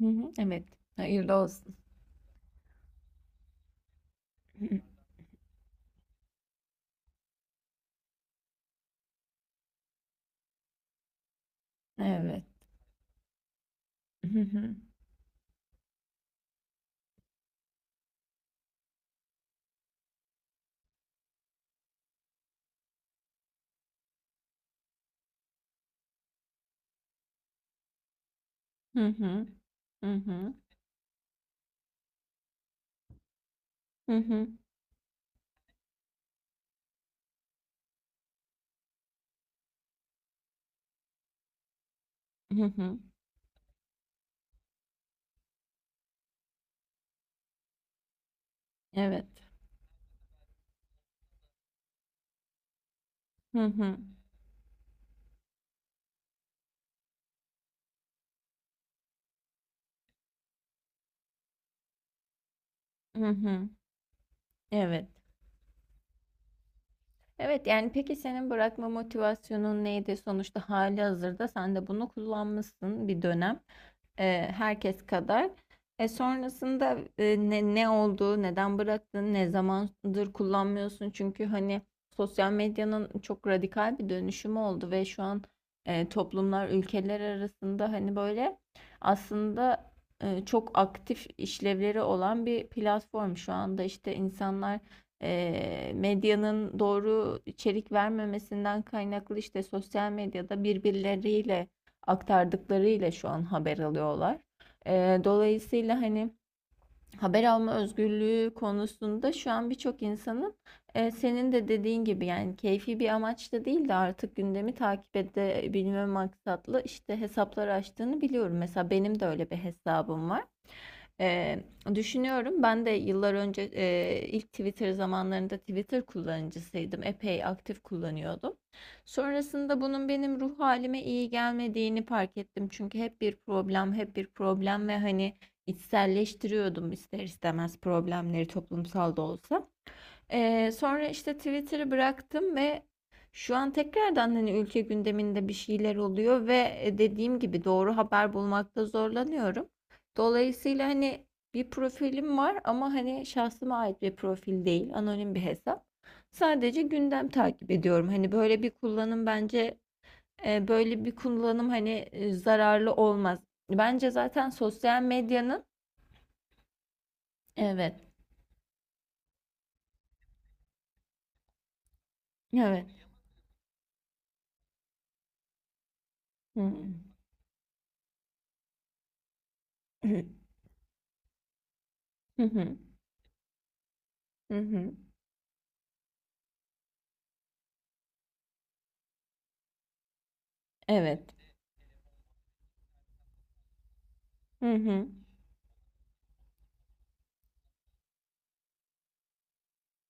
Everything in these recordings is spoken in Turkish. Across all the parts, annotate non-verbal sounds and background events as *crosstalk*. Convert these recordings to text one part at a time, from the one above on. Hı hı, evet. Hayırlı olsun. *laughs* Evet. Hı hı. Hı hı. Hı hı. Hı hı. Hı hı. Evet. Hı hı. Hı hı. Evet. Evet yani peki senin bırakma motivasyonun neydi? Sonuçta hali hazırda sen de bunu kullanmışsın bir dönem herkes kadar. Sonrasında ne oldu, neden bıraktın, ne zamandır kullanmıyorsun? Çünkü hani sosyal medyanın çok radikal bir dönüşümü oldu ve şu an toplumlar ülkeler arasında hani böyle aslında çok aktif işlevleri olan bir platform. Şu anda işte insanlar medyanın doğru içerik vermemesinden kaynaklı işte sosyal medyada birbirleriyle aktardıklarıyla şu an haber alıyorlar. Dolayısıyla hani haber alma özgürlüğü konusunda şu an birçok insanın senin de dediğin gibi yani keyfi bir amaçla değil de artık gündemi takip edebilme maksatlı işte hesaplar açtığını biliyorum. Mesela benim de öyle bir hesabım var. Eee, Düşünüyorum. Ben de yıllar önce ilk Twitter zamanlarında Twitter kullanıcısıydım. Epey aktif kullanıyordum. Sonrasında bunun benim ruh halime iyi gelmediğini fark ettim. Çünkü hep bir problem, hep bir problem ve hani içselleştiriyordum ister istemez problemleri toplumsal da olsa. Sonra işte Twitter'ı bıraktım ve şu an tekrardan hani ülke gündeminde bir şeyler oluyor ve dediğim gibi doğru haber bulmakta zorlanıyorum. Dolayısıyla hani bir profilim var ama hani şahsıma ait bir profil değil, anonim bir hesap. Sadece gündem takip ediyorum. Hani böyle bir kullanım bence böyle bir kullanım hani zararlı olmaz. Bence zaten sosyal medyanın... Evet, evet. Hı hı. Hı hı. Hı hı. Evet. Hı hı.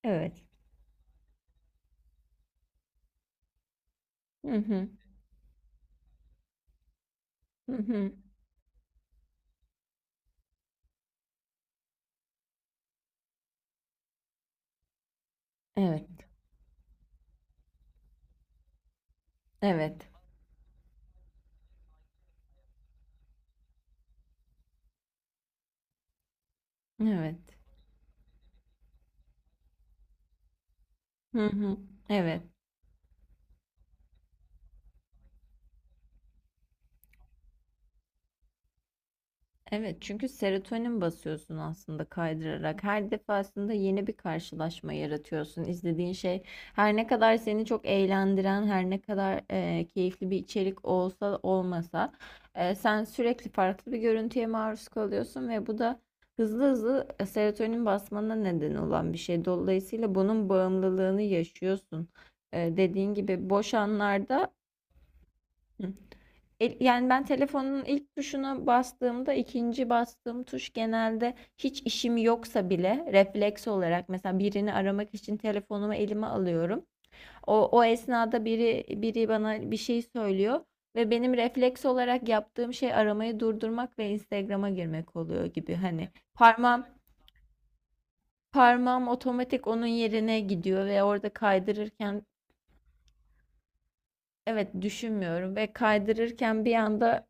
Evet. Hı hı. Hı hı. Evet. Evet. Evet. Hı hı. Evet. Evet çünkü serotonin basıyorsun aslında kaydırarak. Her defasında yeni bir karşılaşma yaratıyorsun. İzlediğin şey her ne kadar seni çok eğlendiren, her ne kadar keyifli bir içerik olsa olmasa sen sürekli farklı bir görüntüye maruz kalıyorsun ve bu da hızlı hızlı serotonin basmana neden olan bir şey. Dolayısıyla bunun bağımlılığını yaşıyorsun. Dediğin gibi boş anlarda... Hı. Yani ben telefonun ilk tuşuna bastığımda ikinci bastığım tuş genelde hiç işim yoksa bile refleks olarak mesela birini aramak için telefonumu elime alıyorum. O esnada biri bana bir şey söylüyor ve benim refleks olarak yaptığım şey aramayı durdurmak ve Instagram'a girmek oluyor gibi hani parmağım otomatik onun yerine gidiyor ve orada kaydırırken, evet, düşünmüyorum ve kaydırırken bir anda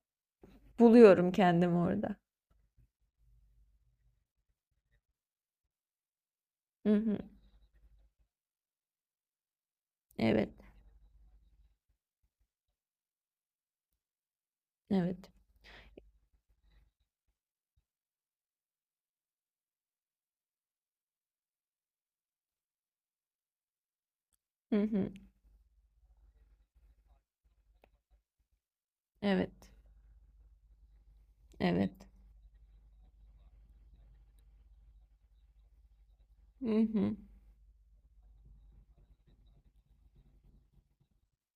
buluyorum kendimi orada. Hı hı. Evet, evet. Hı hı. Evet, evet. Hı hı.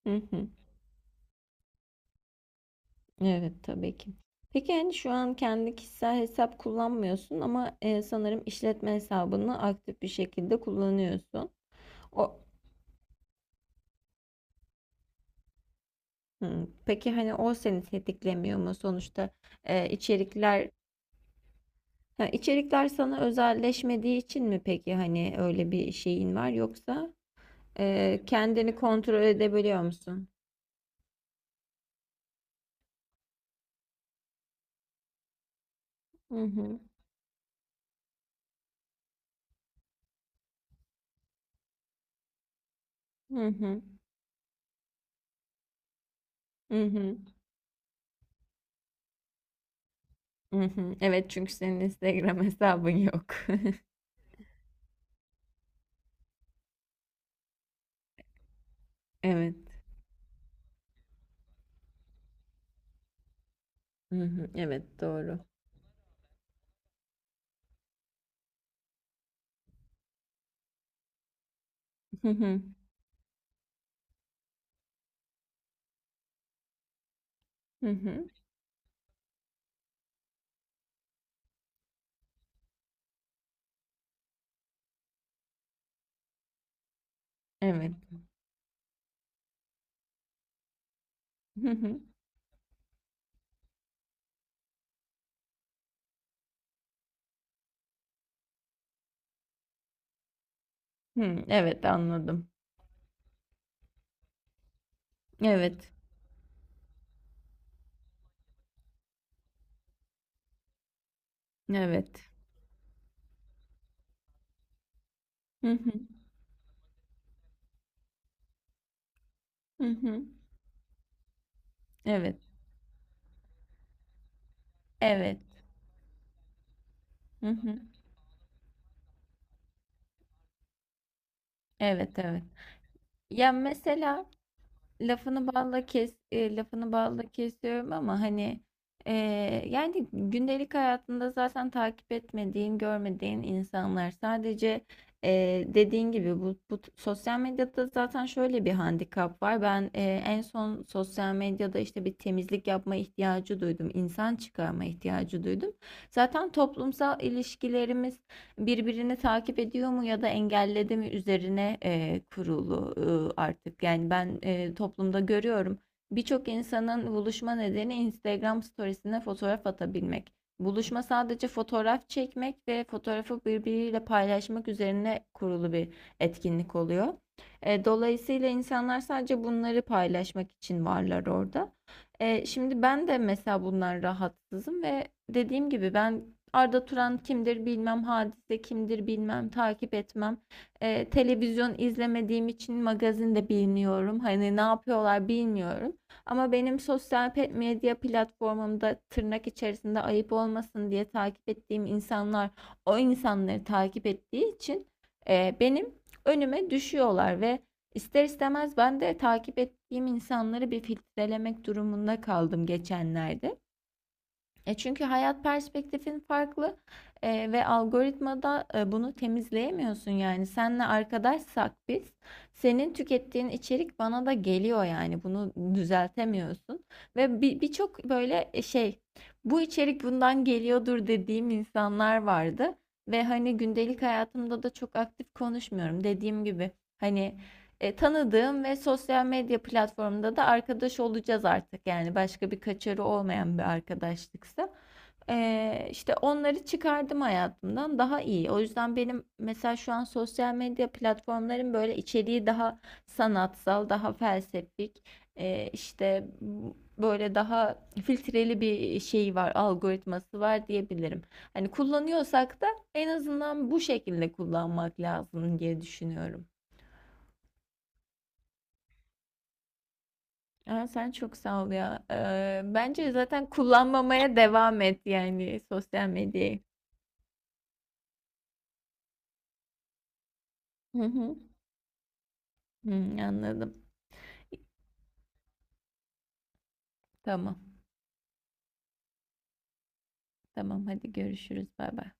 Hı hı. Evet, tabii ki. Peki yani şu an kendi kişisel hesap kullanmıyorsun ama sanırım işletme hesabını aktif bir şekilde kullanıyorsun. O Hı. Peki hani o seni tetiklemiyor mu sonuçta e, içerikler ha, içerikler sana özelleşmediği için mi peki hani öyle bir şeyin var yoksa kendini kontrol edebiliyor musun? Hı hı. Hı hı. Hı hı. Hı hı. Evet çünkü senin Instagram hesabın yok. *laughs* Evet. Hı hı. Evet, doğru. Hı hı. Hı hı. Evet. Hı hı. Hı. Evet, anladım. Evet. Evet. Hı hı. Hı hı. Evet. Evet. Hı hı. Evet, evet. Ya mesela lafını balla kes lafını balla kesiyorum ama hani e, yani gündelik hayatında zaten takip etmediğin, görmediğin insanlar sadece dediğin gibi bu sosyal medyada zaten şöyle bir handikap var. Ben en son sosyal medyada işte bir temizlik yapma ihtiyacı duydum, insan çıkarma ihtiyacı duydum. Zaten toplumsal ilişkilerimiz birbirini takip ediyor mu ya da engelledi mi üzerine kurulu artık. Yani ben toplumda görüyorum. Birçok insanın buluşma nedeni Instagram storiesine fotoğraf atabilmek. Buluşma sadece fotoğraf çekmek ve fotoğrafı birbiriyle paylaşmak üzerine kurulu bir etkinlik oluyor. Dolayısıyla insanlar sadece bunları paylaşmak için varlar orada. Şimdi ben de mesela bundan rahatsızım ve dediğim gibi ben Arda Turan kimdir bilmem, Hadise kimdir bilmem, takip etmem. Televizyon izlemediğim için magazin de bilmiyorum. Hani ne yapıyorlar bilmiyorum. Ama benim sosyal medya platformumda tırnak içerisinde ayıp olmasın diye takip ettiğim insanlar o insanları takip ettiği için benim önüme düşüyorlar ve ister istemez ben de takip ettiğim insanları bir filtrelemek durumunda kaldım geçenlerde. Çünkü hayat perspektifin farklı ve algoritmada bunu temizleyemiyorsun yani. Senle arkadaşsak biz, senin tükettiğin içerik bana da geliyor yani. Bunu düzeltemiyorsun. Ve bir birçok böyle bu içerik bundan geliyordur dediğim insanlar vardı. Ve hani gündelik hayatımda da çok aktif konuşmuyorum. Dediğim gibi hani tanıdığım ve sosyal medya platformunda da arkadaş olacağız artık. Yani başka bir kaçarı olmayan bir arkadaşlıksa. İşte onları çıkardım hayatımdan daha iyi. O yüzden benim mesela şu an sosyal medya platformların böyle içeriği daha sanatsal, daha felsefik, işte böyle daha filtreli bir şey var, algoritması var diyebilirim. Hani kullanıyorsak da en azından bu şekilde kullanmak lazım diye düşünüyorum. Aa, sen çok sağ ol ya. Bence zaten kullanmamaya devam et yani sosyal medyayı. Hı hı. Hı, anladım. Tamam. Tamam, hadi görüşürüz. Bay bay.